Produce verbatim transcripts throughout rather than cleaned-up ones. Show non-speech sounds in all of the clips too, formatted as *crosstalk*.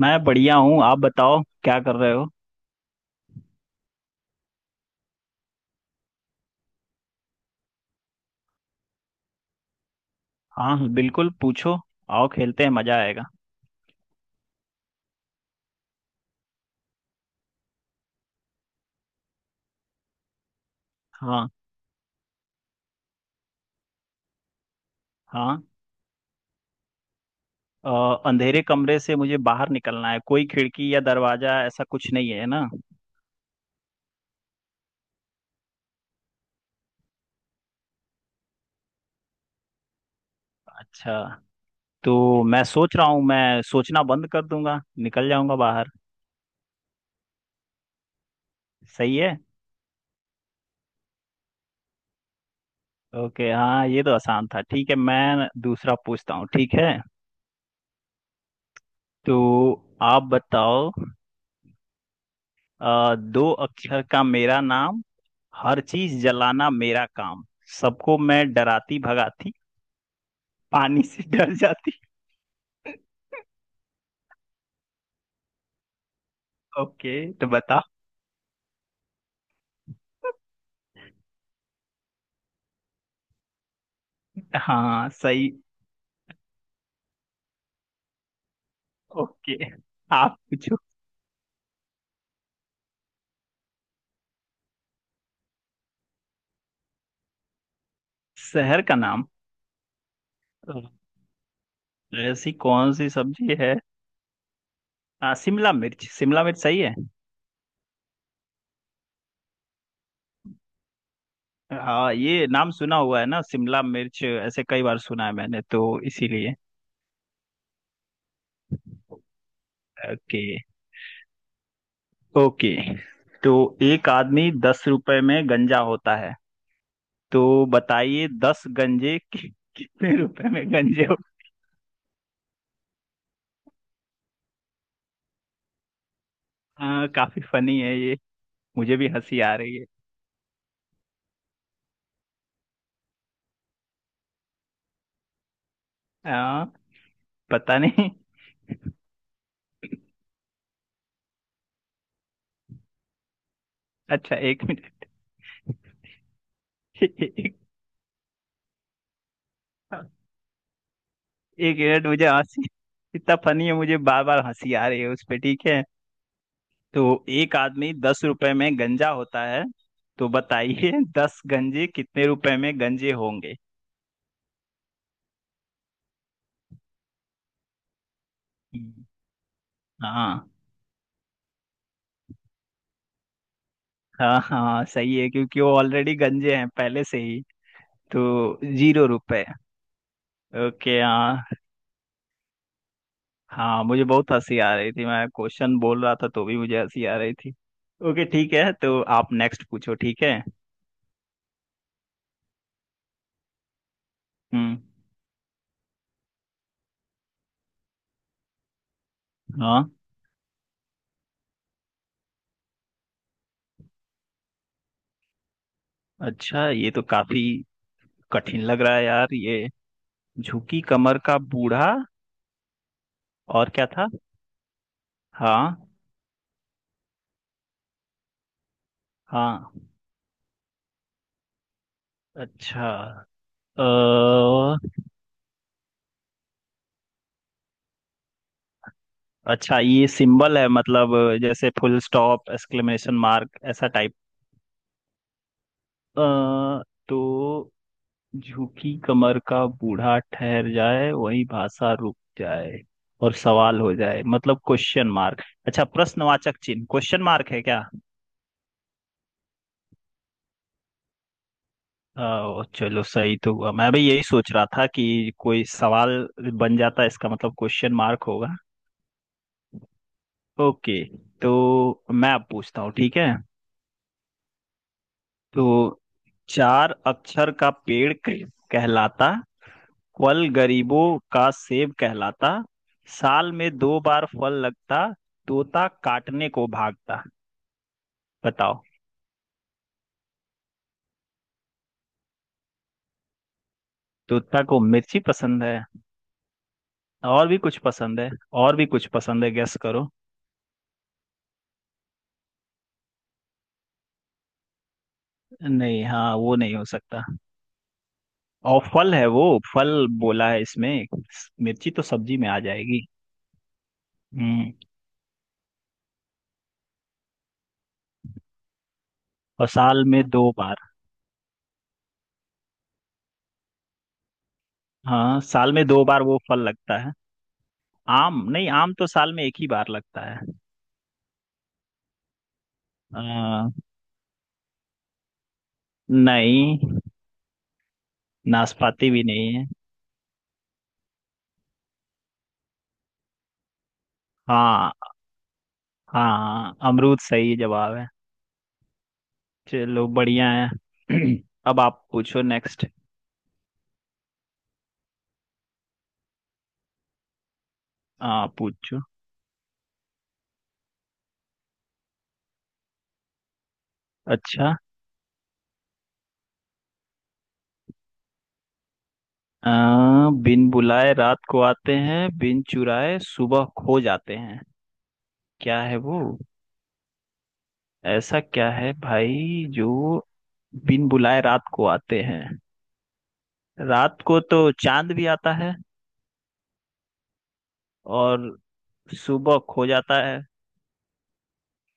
मैं बढ़िया हूँ। आप बताओ, क्या कर रहे हो? हाँ, बिल्कुल पूछो। आओ, खेलते हैं, मजा आएगा। हाँ। हाँ। अ, अंधेरे कमरे से मुझे बाहर निकलना है, कोई खिड़की या दरवाजा ऐसा कुछ नहीं है ना? अच्छा। तो मैं सोच रहा हूँ, मैं सोचना बंद कर दूंगा, निकल जाऊंगा बाहर। सही है। ओके, हाँ, ये तो आसान था। ठीक है, मैं दूसरा पूछता हूँ, ठीक है? तो आप बताओ। अ, दो अक्षर का मेरा नाम, हर चीज जलाना मेरा काम, सबको मैं डराती भगाती, पानी से डर जाती। ओके, तो बता। हाँ, सही। ओके, आप पूछो। शहर का नाम? ऐसी कौन सी सब्जी है? हाँ, शिमला मिर्च, शिमला मिर्च सही है। हाँ, ये नाम सुना हुआ है ना, शिमला मिर्च ऐसे कई बार सुना है मैंने तो, इसीलिए। ओके। ओके। तो एक आदमी दस रुपए में गंजा होता है, तो बताइए, दस गंजे कि- कितने रुपए में गंजे? हाँ, काफी फनी है ये, मुझे भी हंसी आ रही है। हाँ, पता नहीं। अच्छा, एक मिनट। एक। एक मिनट, मुझे हंसी, इतना फनी है, मुझे बार बार हंसी आ रही है उस पे, ठीक है? तो एक आदमी दस रुपए में गंजा होता है, तो बताइए दस गंजे कितने रुपए में गंजे होंगे? हाँ, हाँ, हाँ, सही है क्योंकि वो ऑलरेडी गंजे हैं पहले से ही, तो जीरो रुपए। ओके, हाँ। हाँ, मुझे बहुत हंसी आ रही थी, मैं क्वेश्चन बोल रहा था तो भी मुझे हंसी आ रही थी। ओके, ठीक है, तो आप नेक्स्ट पूछो, ठीक है? हम्म। हाँ, अच्छा, ये तो काफी कठिन लग रहा है यार ये। झुकी कमर का बूढ़ा, और क्या था? हाँ। हाँ, अच्छा। अ, अच्छा, ये सिंबल है मतलब, जैसे फुल स्टॉप, एक्सक्लेमेशन मार्क, ऐसा टाइप? तो झुकी कमर का बूढ़ा ठहर जाए, वही भाषा रुक जाए, और सवाल हो जाए, मतलब क्वेश्चन मार्क। अच्छा, प्रश्नवाचक चिन्ह क्वेश्चन मार्क है क्या? ओ, चलो, सही तो हुआ, मैं भी यही सोच रहा था कि कोई सवाल बन जाता है, इसका मतलब क्वेश्चन मार्क होगा। ओके, तो मैं अब पूछता हूँ, ठीक है? तो चार अक्षर का पेड़ कह- कहलाता, फल गरीबों का सेब कहलाता, साल में दो बार फल लगता, तोता काटने को भागता। बताओ। तोता को मिर्ची पसंद है? और भी कुछ पसंद है। और भी कुछ पसंद है, गेस करो। नहीं, हाँ, वो नहीं हो सकता। और फल है वो, फल बोला है इसमें। मिर्ची तो सब्जी में आ जाएगी। हम्म। और साल में दो बार। हाँ, साल में दो बार वो फल लगता है। आम नहीं, आम तो साल में एक ही बार लगता है। आ, नहीं। नाशपाती भी नहीं है। हाँ। हाँ, अमरूद सही जवाब है। चलो, बढ़िया है। *clears throat* अब आप पूछो नेक्स्ट। हाँ, पूछो। अच्छा। आ, बिन बुलाए रात को आते हैं, बिन चुराए सुबह खो जाते हैं, क्या है वो? ऐसा क्या है भाई जो बिन बुलाए रात को आते हैं? रात को तो चांद भी आता है और सुबह खो जाता है,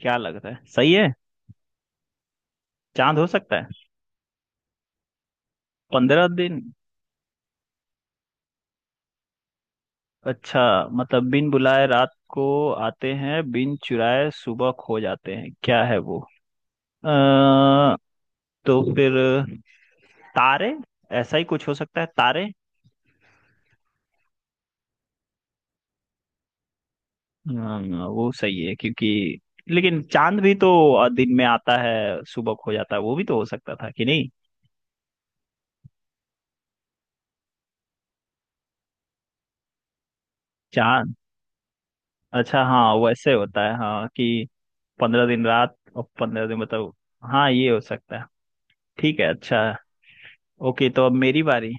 क्या लगता है, सही है? चांद हो सकता है। पंद्रह दिन। अच्छा, मतलब बिन बुलाए रात को आते हैं, बिन चुराए सुबह खो जाते हैं, क्या है वो? अ, तो फिर तारे, ऐसा ही कुछ हो सकता है, तारे। हाँ, वो सही है क्योंकि लेकिन चांद भी तो दिन में आता है, सुबह खो जाता है, वो भी तो हो सकता था कि नहीं? चांद। अच्छा, हाँ, वैसे होता है, हाँ, कि पंद्रह दिन रात और पंद्रह दिन मतलब, हाँ, ये हो सकता है। ठीक है, अच्छा, ओके, तो अब मेरी बारी।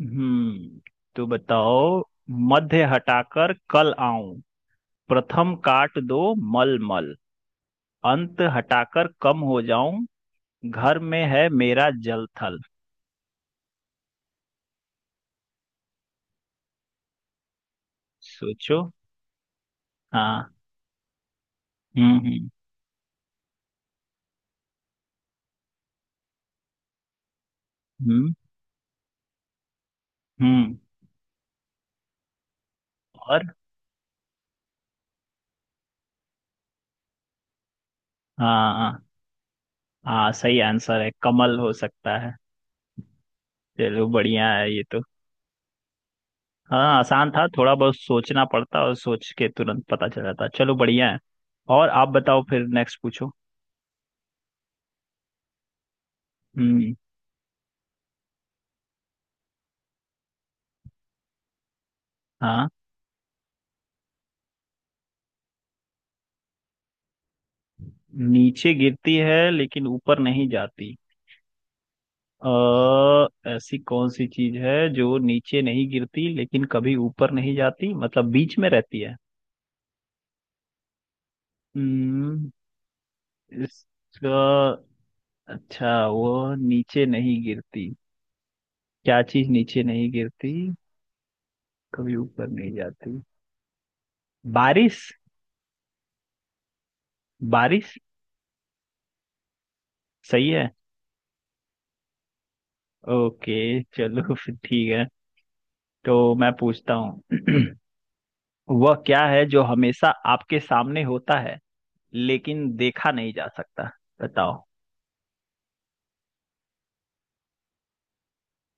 हम्म, तो बताओ, मध्य हटाकर कल आऊं, प्रथम काट दो मल मल, अंत हटाकर कम हो जाऊं, घर में है मेरा जल थल। सोचो। हाँ। हम्म, हम्म। हम्म, हम्म। और। हाँ, हाँ, हाँ, सही आंसर है, कमल हो सकता है। चलो, बढ़िया है ये तो। हाँ, आसान था, थोड़ा बहुत सोचना पड़ता और सोच के तुरंत पता चल जाता, चलो, बढ़िया है। और आप बताओ, फिर नेक्स्ट पूछो। हम्म। हाँ। नीचे गिरती है लेकिन ऊपर नहीं जाती, अ, ऐसी कौन सी चीज है जो नीचे नहीं गिरती लेकिन कभी ऊपर नहीं जाती, मतलब बीच में रहती है? हम्म। इसका अच्छा, वो नीचे नहीं गिरती, क्या चीज नीचे नहीं गिरती, कभी ऊपर नहीं जाती? बारिश। बारिश। सही है। ओके, चलो, *laughs* फिर ठीक है। तो मैं पूछता हूँ। *clears throat* वह क्या है जो हमेशा आपके सामने होता है लेकिन देखा नहीं जा सकता? बताओ।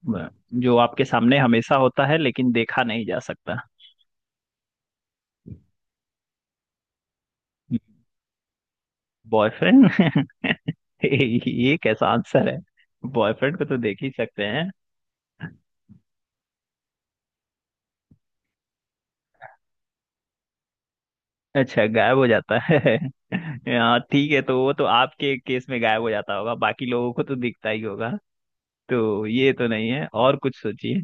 ब- जो आपके सामने हमेशा होता है लेकिन देखा नहीं जा सकता। बॉयफ्रेंड? *laughs* ये कैसा आंसर है? बॉयफ्रेंड को तो देख ही सकते हैं। अच्छा, गायब हो जाता है। *laughs* हाँ, ठीक है, तो वो तो आपके केस में गायब हो जाता होगा, बाकी लोगों को तो दिखता ही होगा, तो ये तो नहीं है, और कुछ सोचिए।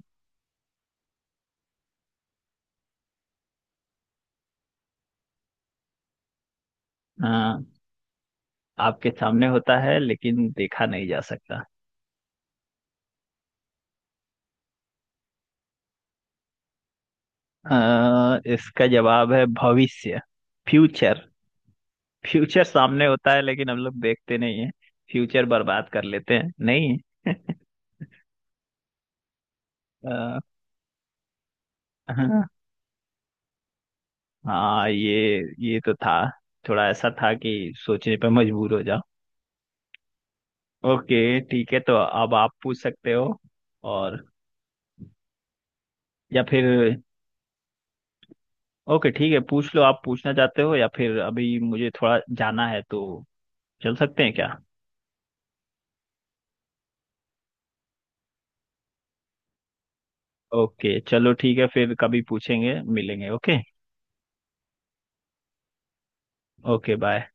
हाँ, आपके सामने होता है लेकिन देखा नहीं जा सकता। अ, इसका जवाब है भविष्य, फ्यूचर। फ्यूचर सामने होता है लेकिन हम लोग देखते नहीं है, फ्यूचर बर्बाद कर लेते हैं, नहीं? *laughs* अ, हाँ। हाँ, ये ये तो था, थोड़ा ऐसा था कि सोचने पे मजबूर हो जाओ। ओके, ठीक है, तो अब आप पूछ सकते हो। और, या फिर, ओके ठीक है, पूछ लो, आप पूछना चाहते हो, या फिर अभी मुझे थोड़ा जाना है, तो चल सकते हैं क्या? ओके, चलो, ठीक है, फिर कभी पूछेंगे, मिलेंगे। ओके। Okay, bye.